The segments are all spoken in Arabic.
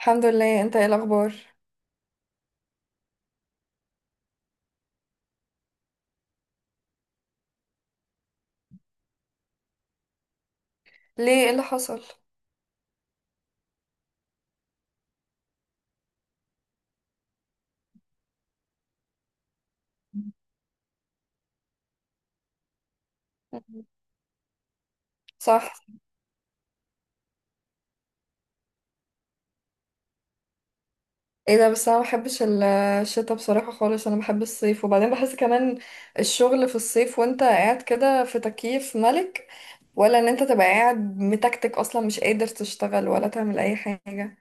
الحمد لله، انت ايه الاخبار؟ ليه، ايه اللي حصل؟ مم. صح. ايه ده بس انا ما بحبش الشتاء بصراحة خالص، انا بحب الصيف. وبعدين بحس كمان الشغل في الصيف وانت قاعد كده في تكييف ملك، ولا ان انت تبقى قاعد متكتك اصلا مش قادر تشتغل ولا تعمل اي حاجة.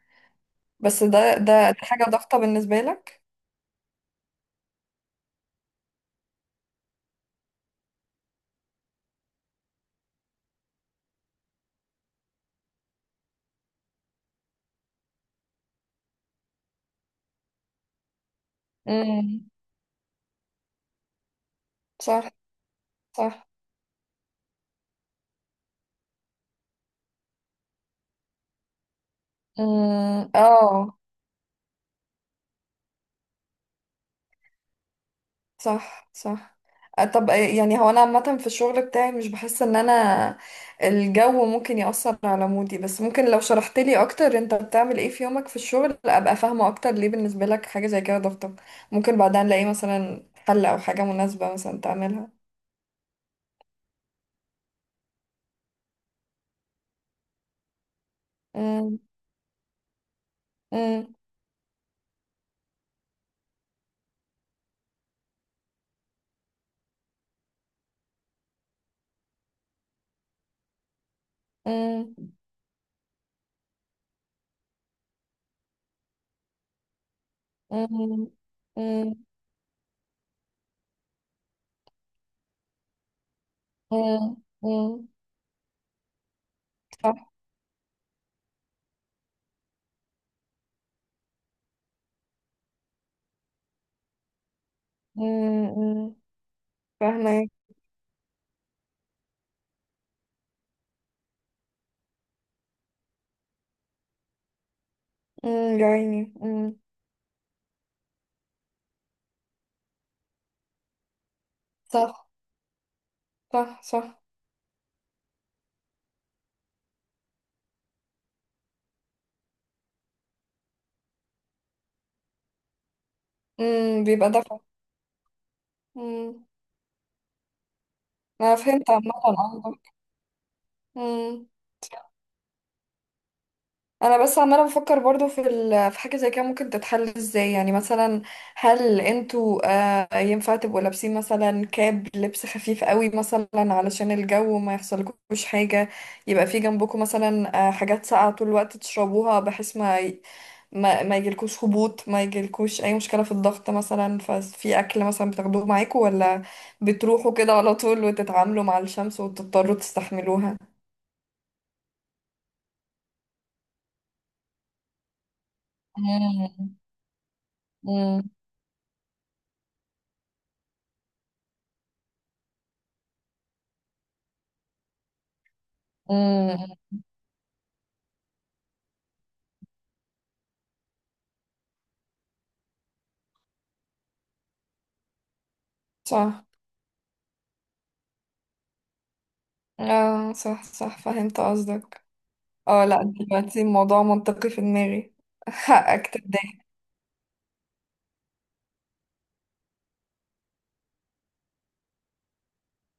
بس ده حاجة ضغطة بالنسبة لك. مم. صح صح. امم، اه. صح صح. آه، طب آه، يعني هو انا عامه في الشغل بتاعي مش بحس ان انا الجو ممكن يأثر على مودي، بس ممكن لو شرحت لي اكتر انت بتعمل ايه في يومك في الشغل ابقى فاهمه اكتر ليه بالنسبه لك حاجه زي كده ضغطة. ممكن بعدها نلاقي مثلا حل او حاجه مناسبه مثلا تعملها. أمم، أمم، أمم، أمم، أمم، أمم، أمم، صح. أمم، أمم، فاهمه. يا عيني. صح صح. صح. بيبقى دفع. امم. انا فهمت عامه قصدك. مم. انا بس عماله بفكر برضو في في حاجه زي كده ممكن تتحل ازاي؟ يعني مثلا هل انتوا، آه، ينفع تبقوا لابسين مثلا كاب لبس خفيف قوي مثلا علشان الجو ما يحصلكوش حاجه؟ يبقى في جنبكم مثلا، آه، حاجات ساقعه طول الوقت تشربوها بحيث ما يجيلكوش هبوط، ما يجيلكوش اي مشكله في الضغط مثلا؟ ففي اكل مثلا بتاخدوه معاكم، ولا بتروحوا كده على طول وتتعاملوا مع الشمس وتضطروا تستحملوها؟ مم. مم. مم. صح. اه صح صح، فهمت قصدك. اه لا، دلوقتي الموضوع منطقي في دماغي حقك.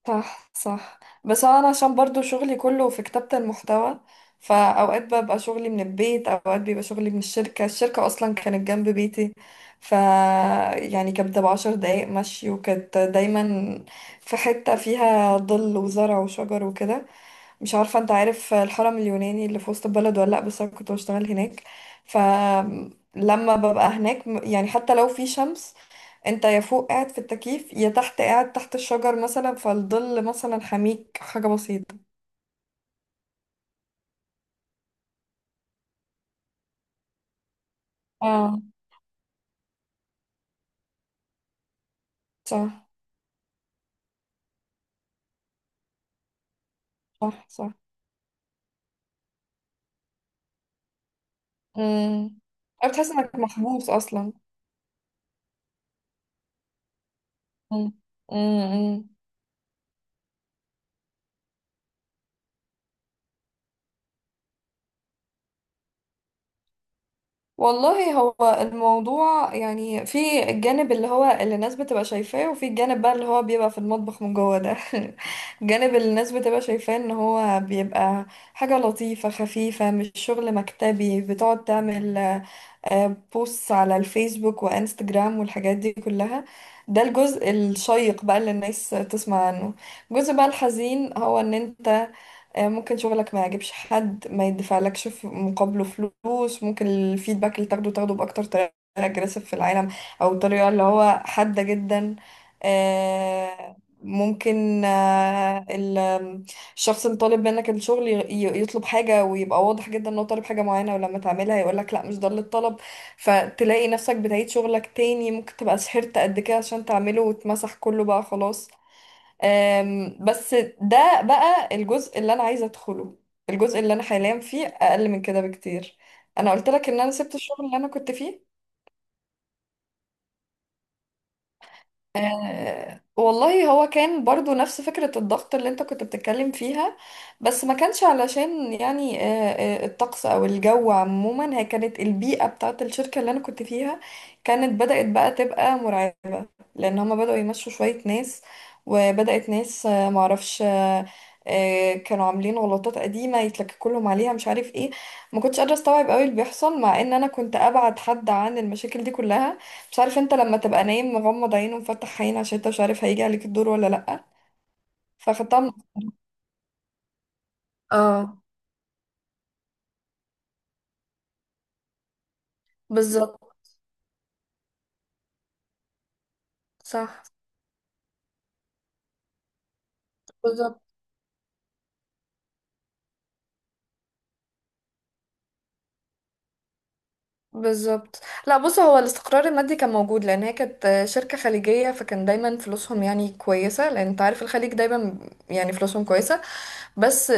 صح صح. بس انا عشان برضو شغلي كله في كتابة المحتوى، فاوقات ببقى شغلي من البيت، اوقات بيبقى شغلي من الشركة. الشركة اصلا كانت جنب بيتي، ف يعني كانت بتبقى 10 دقايق مشي، وكانت دايما في حتة فيها ظل وزرع وشجر وكده. مش عارفة انت عارف الحرم اليوناني اللي في وسط البلد ولا لأ، بس انا كنت بشتغل هناك. فلما ببقى هناك يعني حتى لو في شمس، انت يا فوق قاعد في التكييف يا تحت قاعد تحت الشجر مثلا، فالظل مثلا حميك حاجة بسيطة. اه. صح. صح صح. امم. بتحس انك محبوس اصلا. امم. والله هو الموضوع يعني في الجانب اللي هو اللي الناس بتبقى شايفاه، وفي الجانب بقى اللي هو بيبقى في المطبخ من جوه ده. الجانب اللي الناس بتبقى شايفاه ان هو بيبقى حاجة لطيفة خفيفة، مش شغل مكتبي بتقعد تعمل، بوستس على الفيسبوك وانستجرام والحاجات دي كلها. ده الجزء الشيق بقى اللي الناس تسمع عنه. الجزء بقى الحزين هو ان انت، ممكن شغلك ما يعجبش حد، ما يدفعلكش في مقابله فلوس، ممكن الفيدباك اللي تاخده تاخده بأكتر طريقة اجريسيف في العالم، او طريقة اللي هو حادة جدا. آه، ممكن، الشخص اللي طالب منك الشغل يطلب حاجة ويبقى واضح جدا انه طالب حاجة معينة، ولما تعملها يقولك لا مش ده اللي اتطلب. فتلاقي نفسك بتعيد شغلك تاني، ممكن تبقى سحرت قد كده عشان تعمله وتمسح كله بقى خلاص. بس ده بقى الجزء اللي انا عايزه ادخله. الجزء اللي انا حاليا فيه اقل من كده بكتير. انا قلت لك ان انا سبت الشغل اللي انا كنت فيه. أه والله هو كان برضو نفس فكرة الضغط اللي انت كنت بتتكلم فيها. بس ما كانش علشان يعني، أه، أه، الطقس او الجو عموما. هي كانت البيئة بتاعت الشركة اللي انا كنت فيها كانت بدأت بقى تبقى مرعبة، لان هما بدأوا يمشوا شوية ناس، وبدأت ناس، آه، معرفش آه، آه، كانوا عاملين غلطات قديمة يتلككوا لهم عليها مش عارف ايه. ما كنتش قادرة استوعب قوي اللي بيحصل، مع ان انا كنت ابعد حد عن المشاكل دي كلها. مش عارف، انت لما تبقى نايم مغمض عينه ومفتح عين عشان انت مش عارف هيجي عليك الدور ولا لأ. فاخدتها من- اه. بالظبط. صح. بالظبط. بالظبط. لا بص، هو الاستقرار المادي كان موجود، لان هي كانت شركة خليجية فكان دايما فلوسهم يعني كويسة، لان انت عارف الخليج دايما يعني فلوسهم كويسة. بس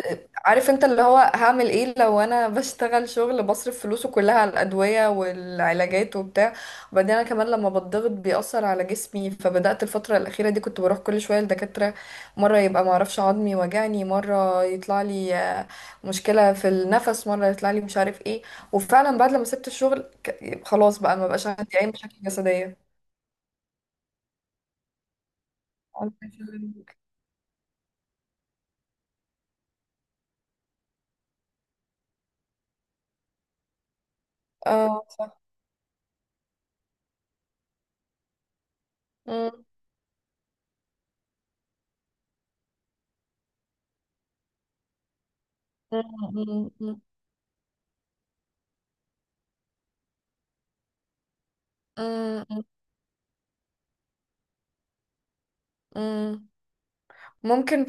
عارف انت اللي هو هعمل ايه لو انا بشتغل شغل بصرف فلوسه كلها على الادويه والعلاجات وبتاع؟ وبعدين انا كمان لما بتضغط بيأثر على جسمي، فبدأت الفتره الاخيره دي كنت بروح كل شويه لدكاتره. مره يبقى معرفش عظمي وجعني، مره يطلع لي، مشكله في النفس، مره يطلع لي مش عارف ايه. وفعلا بعد لما سبت الشغل خلاص بقى ما بقاش عندي اي مشاكل جسديه. الله يسلمك. اه صح. مم، مم، مم، مم، مم، مم. ممكن.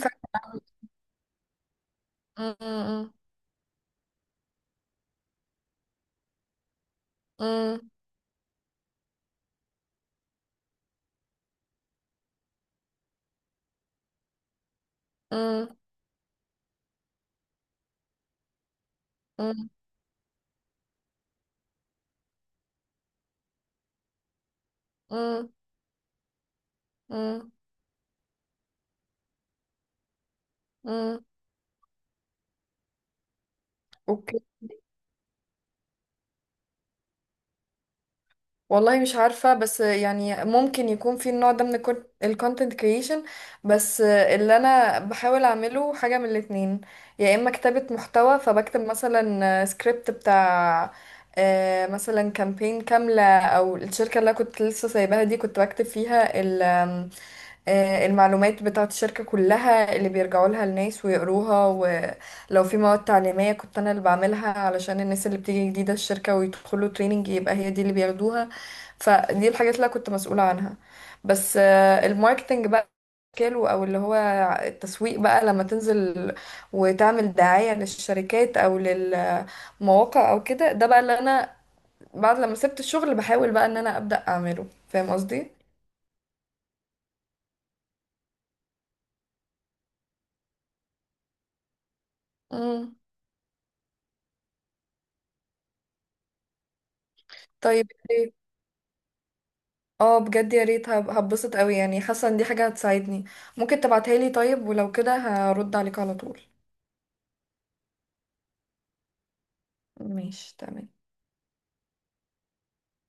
اوكي. والله مش عارفة، بس يعني ممكن يكون في النوع ده من الكونتنت كريشن. بس اللي أنا بحاول أعمله حاجة من الاتنين. يا إما كتابة محتوى، فبكتب مثلا سكريبت بتاع، مثلا كامبين كاملة، أو الشركة اللي أنا كنت لسه سايباها دي كنت بكتب فيها ال- آم، آه، المعلومات بتاعة الشركة كلها اللي بيرجعوا لها الناس ويقروها، ولو في مواد تعليمية كنت أنا اللي بعملها علشان الناس اللي بتيجي جديدة الشركة ويدخلوا تريننج يبقى هي دي اللي بياخدوها. فدي الحاجات اللي أنا كنت مسؤولة عنها. بس، الماركتينج بقى شكله او اللي هو التسويق بقى، لما تنزل وتعمل دعاية للشركات او للمواقع او كده، ده بقى اللي انا بعد لما سبت الشغل بحاول بقى ان انا ابدأ اعمله. فاهم قصدي؟ امم. طيب إيه؟ اه بجد يا ريت، هبسط قوي، يعني حاسه ان دي حاجه هتساعدني. ممكن تبعتها لي طيب؟ ولو كده هرد عليك على طول. ماشي تمام.